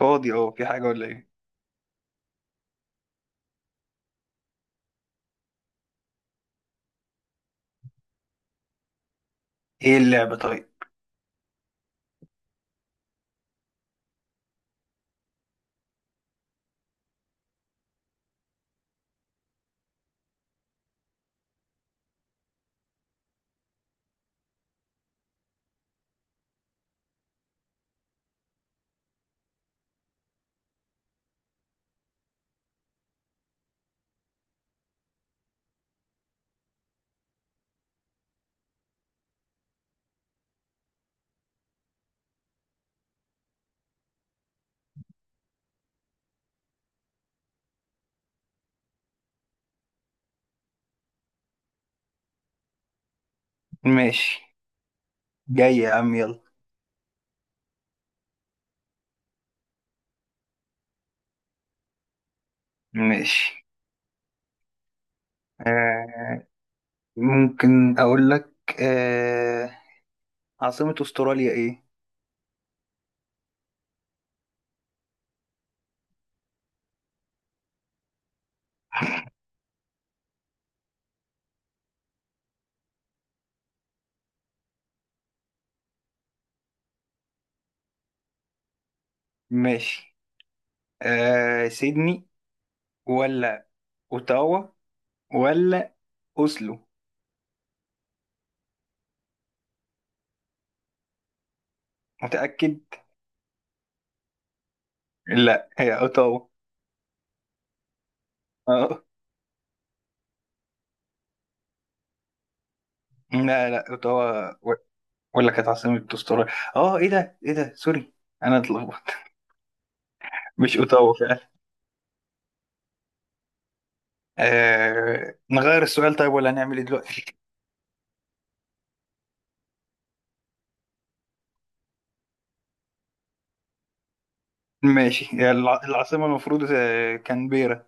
فاضي، اه، في حاجة ولا ايه؟ ايه اللعبة طيب؟ ماشي. جاي يا عم، يلا. ماشي. آه. ممكن اقول لك. آه. عاصمة استراليا ايه؟ ماشي. آه، سيدني ولا اوتاوا ولا اوسلو؟ متأكد؟ لا، هي اوتاوا. اه، لا لا، اوتاوا ولا كانت عاصمة استراليا. اه، ايه ده ايه ده. سوري، انا اتلخبطت. مش اوتاوا فعلا. نغير السؤال طيب، ولا هنعمل ايه دلوقتي؟ ماشي. هي العاصمة المفروض، كانبيرا.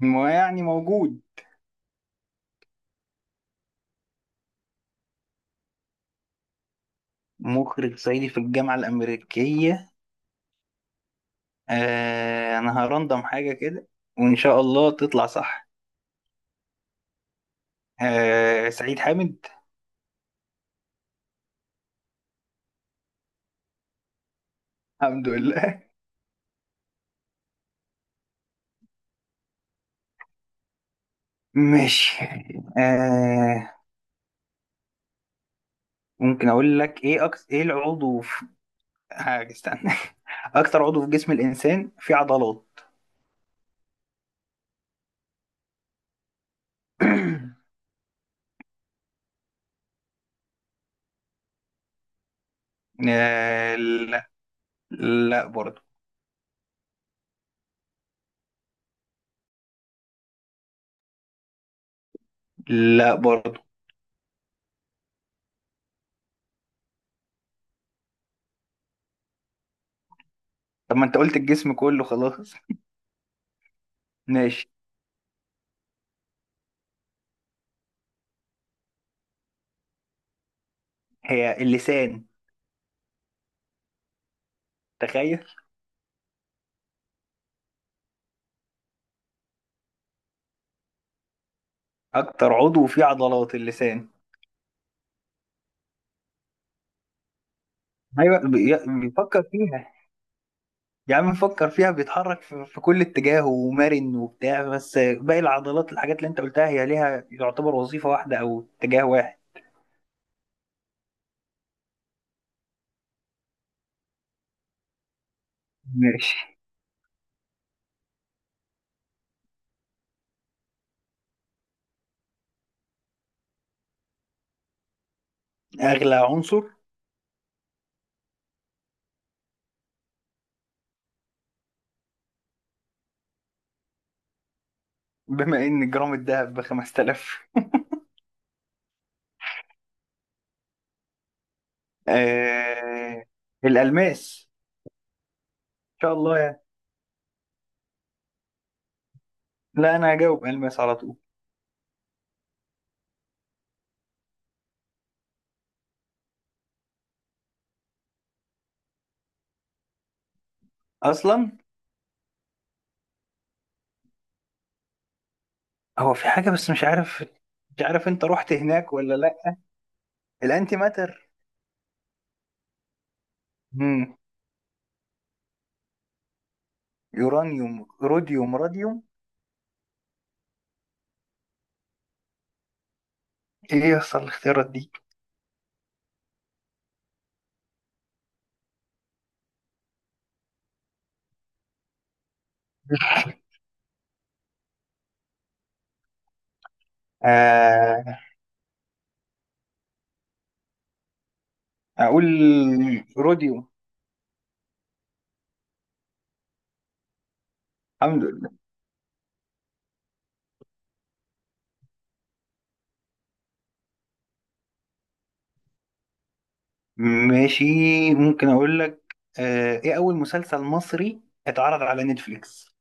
ما يعني موجود. مخرج صعيدي في الجامعة الأمريكية. أنا هرندم حاجة كده، وإن شاء الله تطلع صح. آه، سعيد حامد. الحمد لله. ماشي. آه. ممكن أقول لك إيه أكس إيه العضو في... حاجة، استنى. أكتر عضو في جسم الإنسان فيه عضلات. آه، لا. لا برضه. لا برضه. طب ما أنت قلت الجسم كله خلاص. ماشي. هي اللسان. تخيل. اكتر عضو فيه عضلات اللسان. ايوه، بيفكر فيها. يا عم فكر فيها، بيتحرك في كل اتجاه، ومرن وبتاع، بس باقي العضلات، الحاجات اللي انت قلتها، هي ليها يعتبر وظيفة واحدة او اتجاه واحد. ماشي. اغلى عنصر. بما ان جرام الذهب ب 5000... آه... الالماس. ان شاء الله يعني. لا، انا هجاوب الماس على طول. اصلا هو في حاجة بس مش عارف. مش عارف انت رحت هناك ولا لا. الانتي ماتر. يورانيوم، روديوم، راديوم. ايه يصل الاختيارات دي؟ آه. اقول... روديوم. الحمد لله. ماشي. ممكن اقول لك، ايه اول مسلسل مصري اتعرض على نتفليكس؟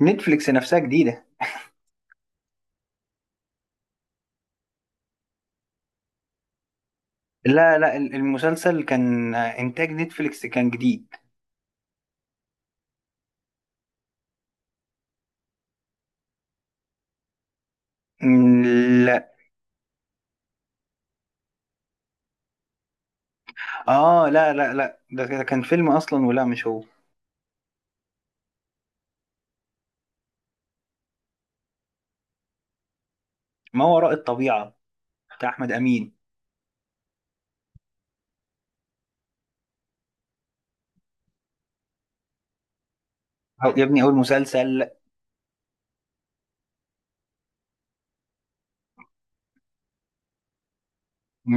نتفليكس نفسها جديدة. لا لا، المسلسل كان، آه، انتاج نتفليكس، كان جديد. مم. لا. اه، لا لا لا، ده كان فيلم اصلا، ولا مش هو؟ ما وراء الطبيعة. بتاع احمد امين. يا ابني، اول مسلسل.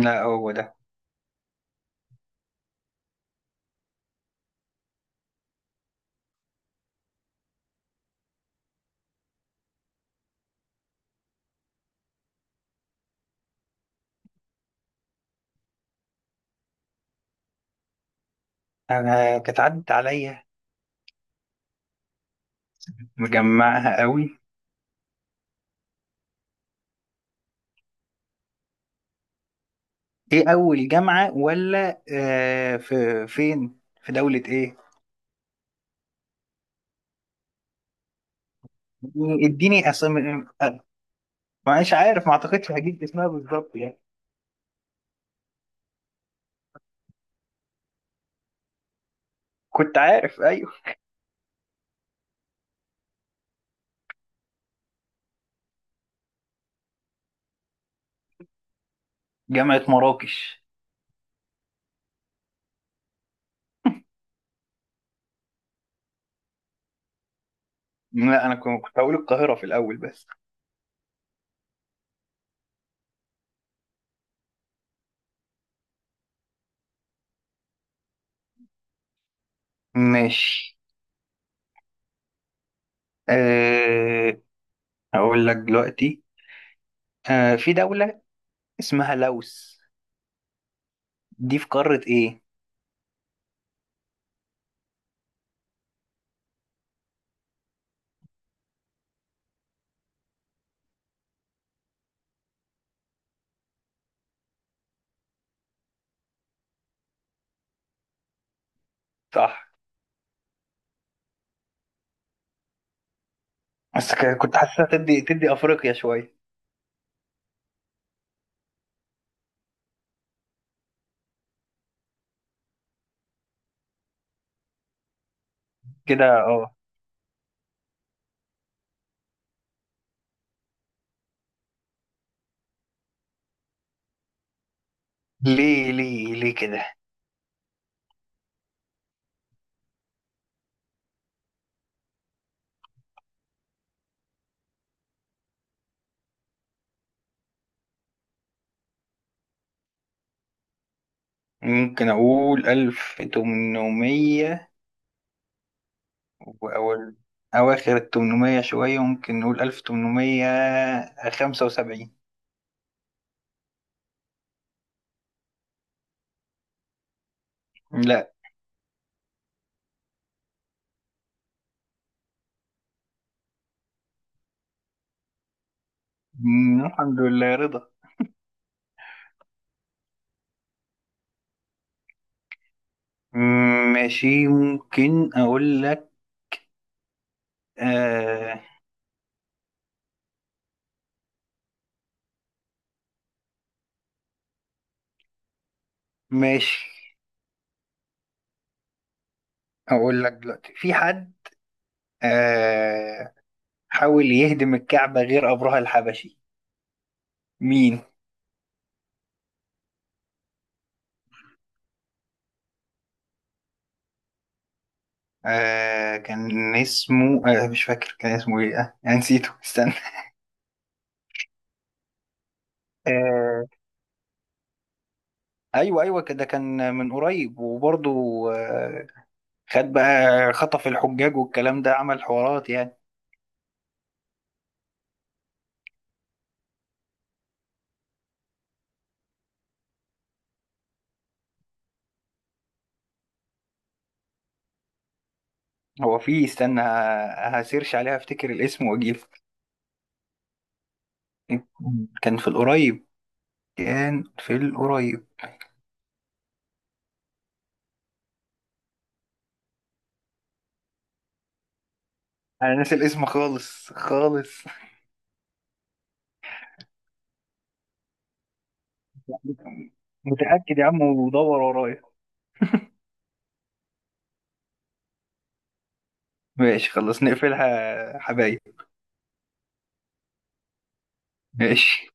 لا، هو ده. انا كانت عدت عليا. مجمعها قوي. ايه اول جامعة، ولا، آه، في فين، في دولة ايه؟ اديني اسم. مش عارف، ما اعتقدش هجيب اسمها بالظبط يعني. كنت عارف، ايوه. جامعة مراكش. لا، انا كنت هقول القاهرة في الاول بس. ماشي. آه هقول لك دلوقتي. في دولة اسمها لوس، دي في قارة ايه؟ صح. بس كنت حاسسها تدي تدي افريقيا شوية. كده، اه. ليه ليه ليه كده؟ ممكن أقول 1800. وأول أواخر التمنمية شوية، ممكن نقول 1875. لا. الحمد لله رضا. ماشي. ممكن أقول لك. آه. ماشي. أقول لك دلوقتي، في حد، آه حاول يهدم الكعبة غير أبرهة الحبشي؟ مين؟ كان اسمه، مش فاكر كان اسمه إيه، أنا نسيته، استنى. آه ايوه ايوه، كده كان من قريب وبرضه، آه، خد بقى خطف الحجاج والكلام ده، عمل حوارات يعني. هو في، استنى، هسيرش عليها، افتكر الاسم واجيب. كان في القريب. كان في القريب. انا ناسي الاسم خالص خالص. متأكد يا عم، ودور ورايا. ماشي خلاص، نقفلها حبايب. ماشي